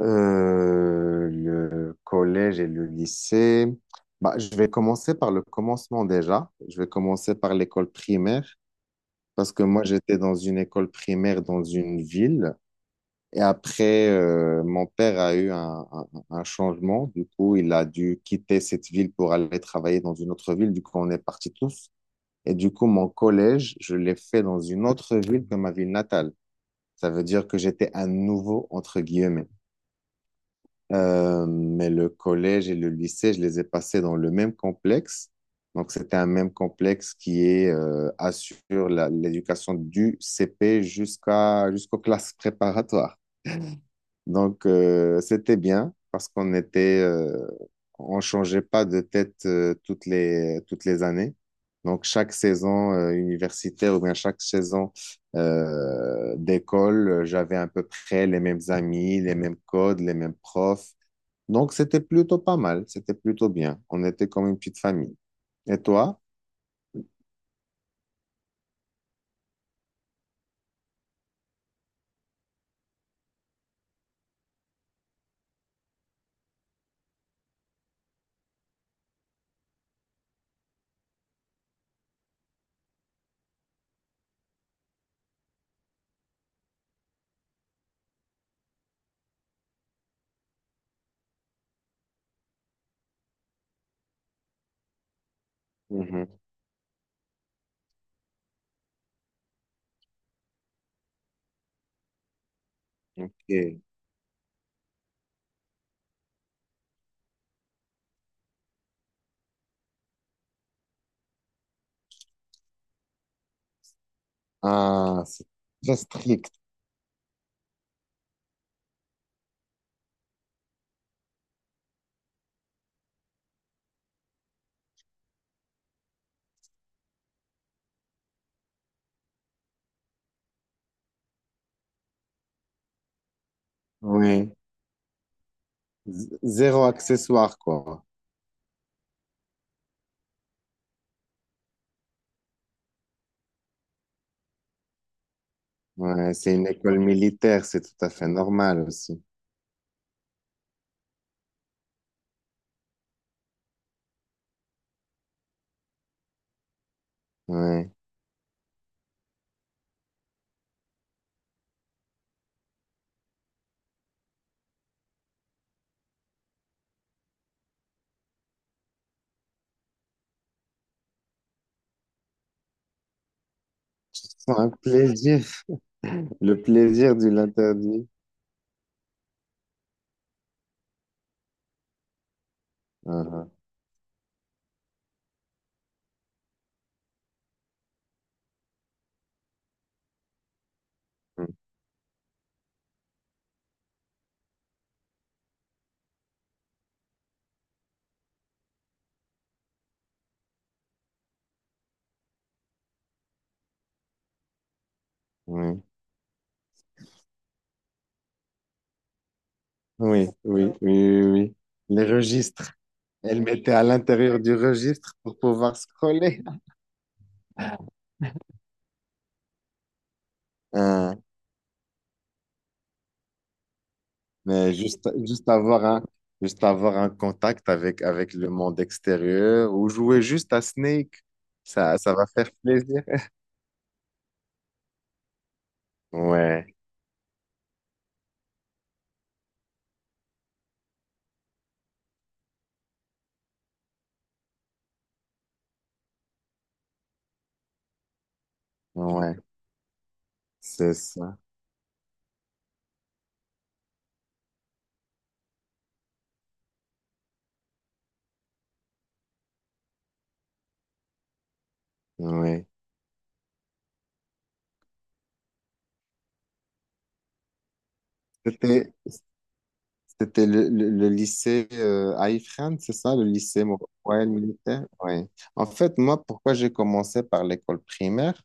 Le collège et le lycée. Bah, je vais commencer par le commencement déjà. Je vais commencer par l'école primaire parce que moi, j'étais dans une école primaire dans une ville. Et après, mon père a eu un changement. Du coup, il a dû quitter cette ville pour aller travailler dans une autre ville. Du coup, on est partis tous. Et du coup, mon collège, je l'ai fait dans une autre ville que ma ville natale. Ça veut dire que j'étais un nouveau, entre guillemets. Mais le collège et le lycée, je les ai passés dans le même complexe. Donc, c'était un même complexe qui est, assure l'éducation du CP jusqu'à, jusqu'aux classes préparatoires. Donc, c'était bien parce qu'on était, on changeait pas de tête, toutes les années. Donc, chaque saison, universitaire ou bien chaque saison, d'école, j'avais à peu près les mêmes amis, les mêmes codes, les mêmes profs. Donc, c'était plutôt pas mal, c'était plutôt bien. On était comme une petite famille. Et toi? Mhm. Ok. Ah, c'est très strict. Oui. Z- Zéro accessoire, quoi. Ouais, c'est une école militaire, c'est tout à fait normal aussi. Ouais. C'est un plaisir. Le plaisir de l'interdit. Ah, ah. Oui, oui, oui, oui, oui, oui. Les registres. Elle mettait à l'intérieur du registre pour pouvoir scroller. Ah. Mais juste, juste avoir un, juste avoir un contact avec, avec le monde extérieur ou jouer juste à Snake, ça va faire plaisir. Ouais, ouais, c'est ça. Ouais. C'était, c'était le lycée à Ifrane, c'est ça, le lycée Moroyen militaire? Ouais. En fait, moi, pourquoi j'ai commencé par l'école primaire?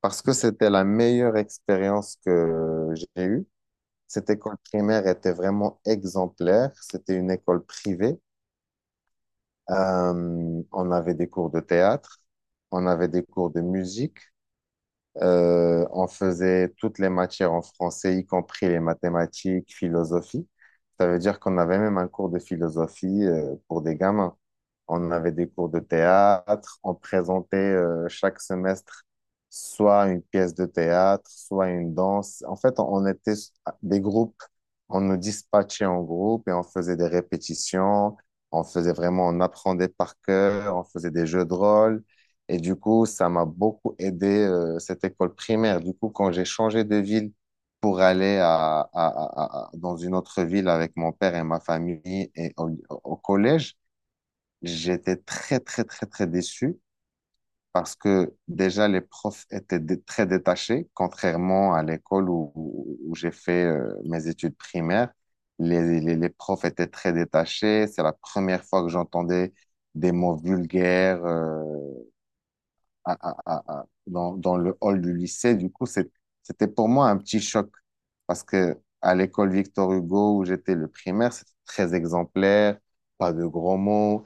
Parce que c'était la meilleure expérience que j'ai eue. Cette école primaire était vraiment exemplaire. C'était une école privée. On avait des cours de théâtre, on avait des cours de musique, on faisait toutes les matières en français, y compris les mathématiques, philosophie. Ça veut dire qu'on avait même un cours de philosophie, pour des gamins. On avait des cours de théâtre. On présentait chaque semestre soit une pièce de théâtre, soit une danse. En fait, on était des groupes. On nous dispatchait en groupe et on faisait des répétitions. On faisait vraiment, on apprenait par cœur. On faisait des jeux de rôle. Et du coup, ça m'a beaucoup aidé, cette école primaire. Du coup, quand j'ai changé de ville pour aller dans une autre ville avec mon père et ma famille et au collège, j'étais très, très, très, très déçu parce que déjà les profs étaient très détachés, contrairement à l'école où j'ai fait mes études primaires. Les profs étaient très détachés. C'est la première fois que j'entendais des mots vulgaires dans, dans le hall du lycée. Du coup, c'était pour moi un petit choc parce que à l'école Victor Hugo où j'étais le primaire, c'était très exemplaire, pas de gros mots.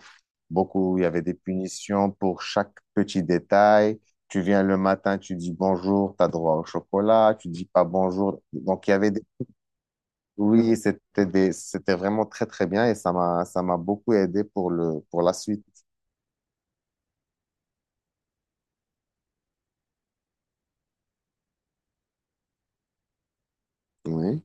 Beaucoup, il y avait des punitions pour chaque petit détail. Tu viens le matin, tu dis bonjour, tu as droit au chocolat, tu dis pas bonjour. Donc, il y avait des... Oui, c'était des... c'était vraiment très, très bien et ça m'a beaucoup aidé pour le, pour la suite. Oui,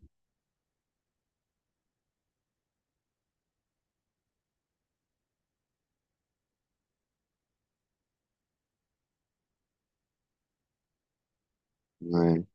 oui.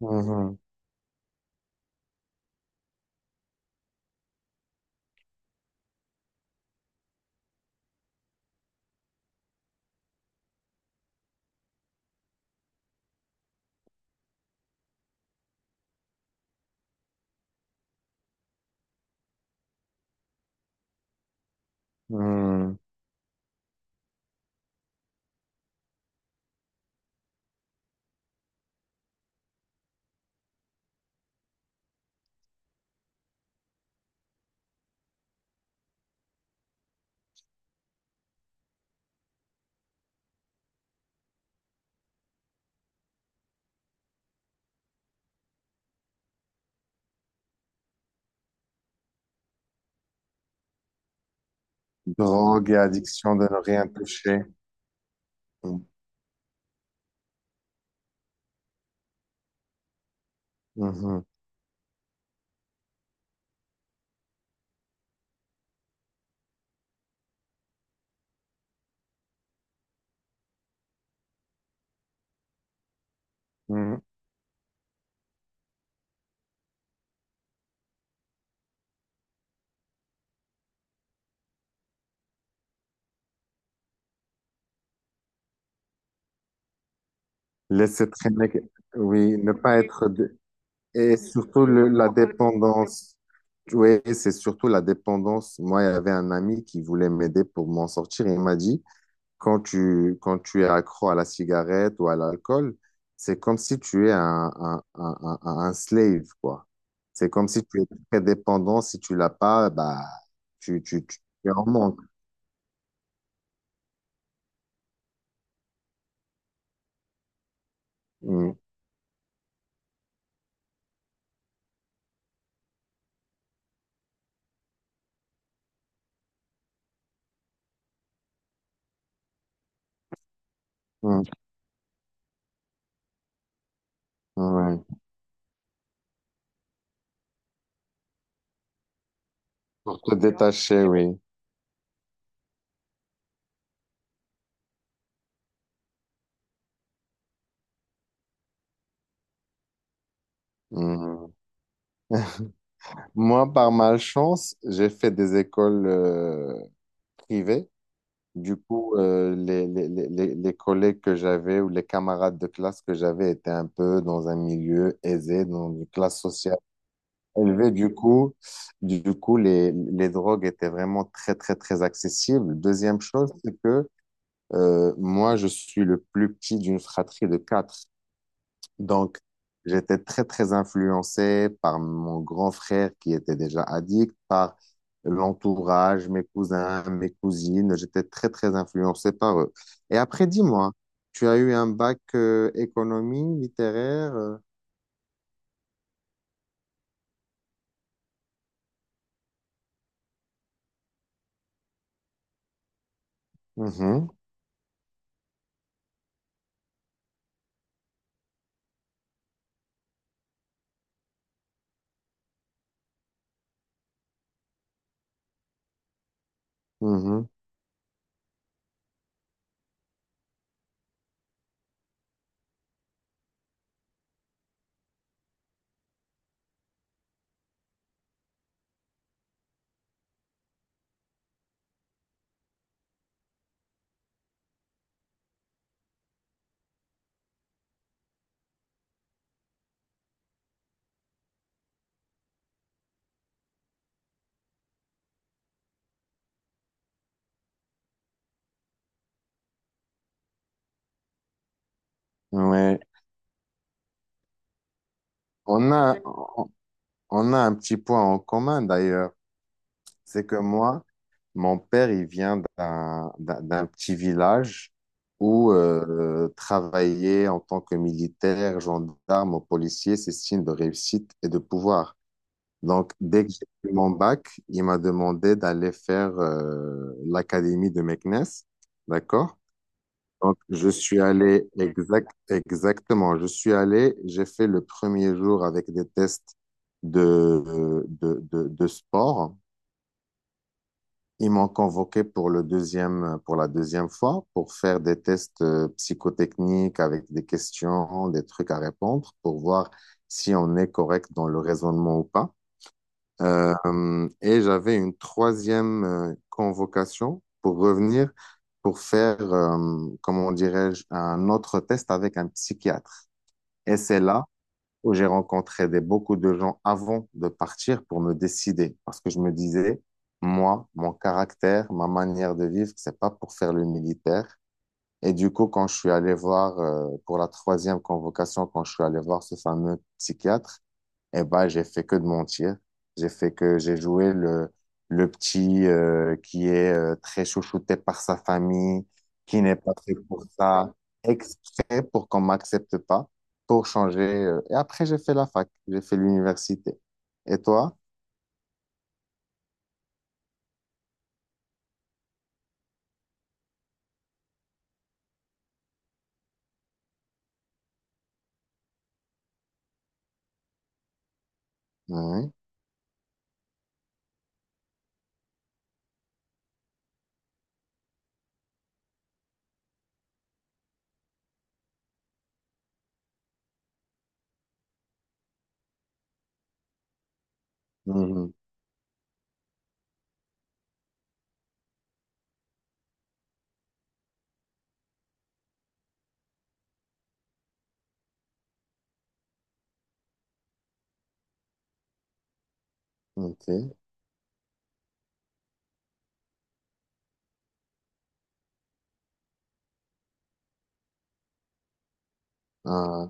Mhm. Mhm. Drogue et addiction de ne rien toucher. Mhm. Mhm. Mhm. Laisser traîner, oui, ne pas être... dé- Et surtout la dépendance. Oui, c'est surtout la dépendance. Moi, il y avait un ami qui voulait m'aider pour m'en sortir. Il m'a dit, quand tu es accro à la cigarette ou à l'alcool, c'est comme si tu es un slave, quoi. C'est comme si tu es très dépendant. Si tu l'as pas, bah, tu es en manque. Mm, mm, ouais. Pour te détacher, oui. Mm. Moi, par malchance, j'ai fait des écoles privées. Du coup, les collègues que j'avais ou les camarades de classe que j'avais étaient un peu dans un milieu aisé, dans une classe sociale élevée. Du coup, les drogues étaient vraiment très, très, très accessibles. Deuxième chose, c'est que moi, je suis le plus petit d'une fratrie de quatre. Donc, j'étais très, très influencé par mon grand frère qui était déjà addict, par l'entourage, mes cousins, mes cousines. J'étais très, très influencé par eux. Et après, dis-moi, tu as eu un bac économie, littéraire? Mhm, mhm, ouais. On a, on a un petit point en commun d'ailleurs. C'est que moi, mon père, il vient d'un petit village où travailler en tant que militaire, gendarme ou policier, c'est signe de réussite et de pouvoir. Donc, dès que j'ai eu mon bac, il m'a demandé d'aller faire l'académie de Meknès. D'accord? Donc, je suis allé exact, exactement. Je suis allé, j'ai fait le premier jour avec des tests de sport. Ils m'ont convoqué pour le deuxième, pour la deuxième fois pour faire des tests psychotechniques avec des questions, des trucs à répondre pour voir si on est correct dans le raisonnement ou pas. Et j'avais une troisième convocation pour revenir pour faire, comment dirais-je, un autre test avec un psychiatre. Et c'est là où j'ai rencontré des, beaucoup de gens avant de partir pour me décider. Parce que je me disais, moi, mon caractère, ma manière de vivre, c'est pas pour faire le militaire. Et du coup, quand je suis allé voir, pour la troisième convocation, quand je suis allé voir ce fameux psychiatre, eh ben, j'ai fait que de mentir. J'ai fait que j'ai joué le petit qui est très chouchouté par sa famille, qui n'est pas fait pour ça, exprès pour qu'on m'accepte pas, pour changer. Et après, j'ai fait la fac, j'ai fait l'université. Et toi? Oui. Mhm. Ok. Euh,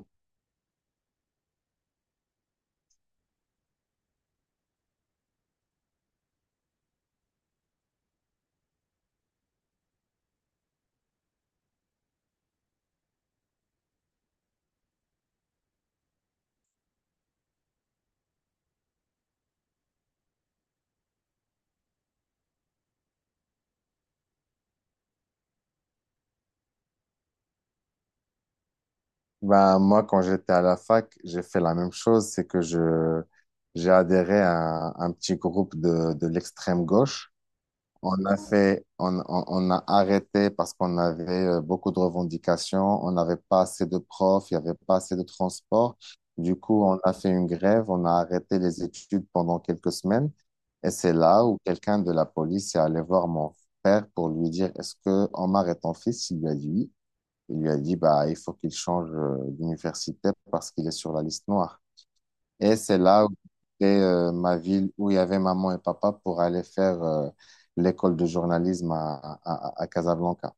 ben, moi, quand j'étais à la fac, j'ai fait la même chose, c'est que je j'ai adhéré à un petit groupe de l'extrême gauche. On a fait, on a arrêté parce qu'on avait beaucoup de revendications, on n'avait pas assez de profs, il n'y avait pas assez de transport. Du coup, on a fait une grève, on a arrêté les études pendant quelques semaines. Et c'est là où quelqu'un de la police est allé voir mon père pour lui dire, est-ce que Omar est ton fils? Il lui a dit oui. Il lui a dit, bah, il faut qu'il change d'université parce qu'il est sur la liste noire. Et c'est là où c'était ma ville où il y avait maman et papa pour aller faire l'école de journalisme à Casablanca.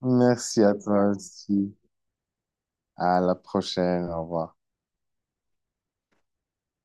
Merci à toi aussi. À la prochaine. Au revoir.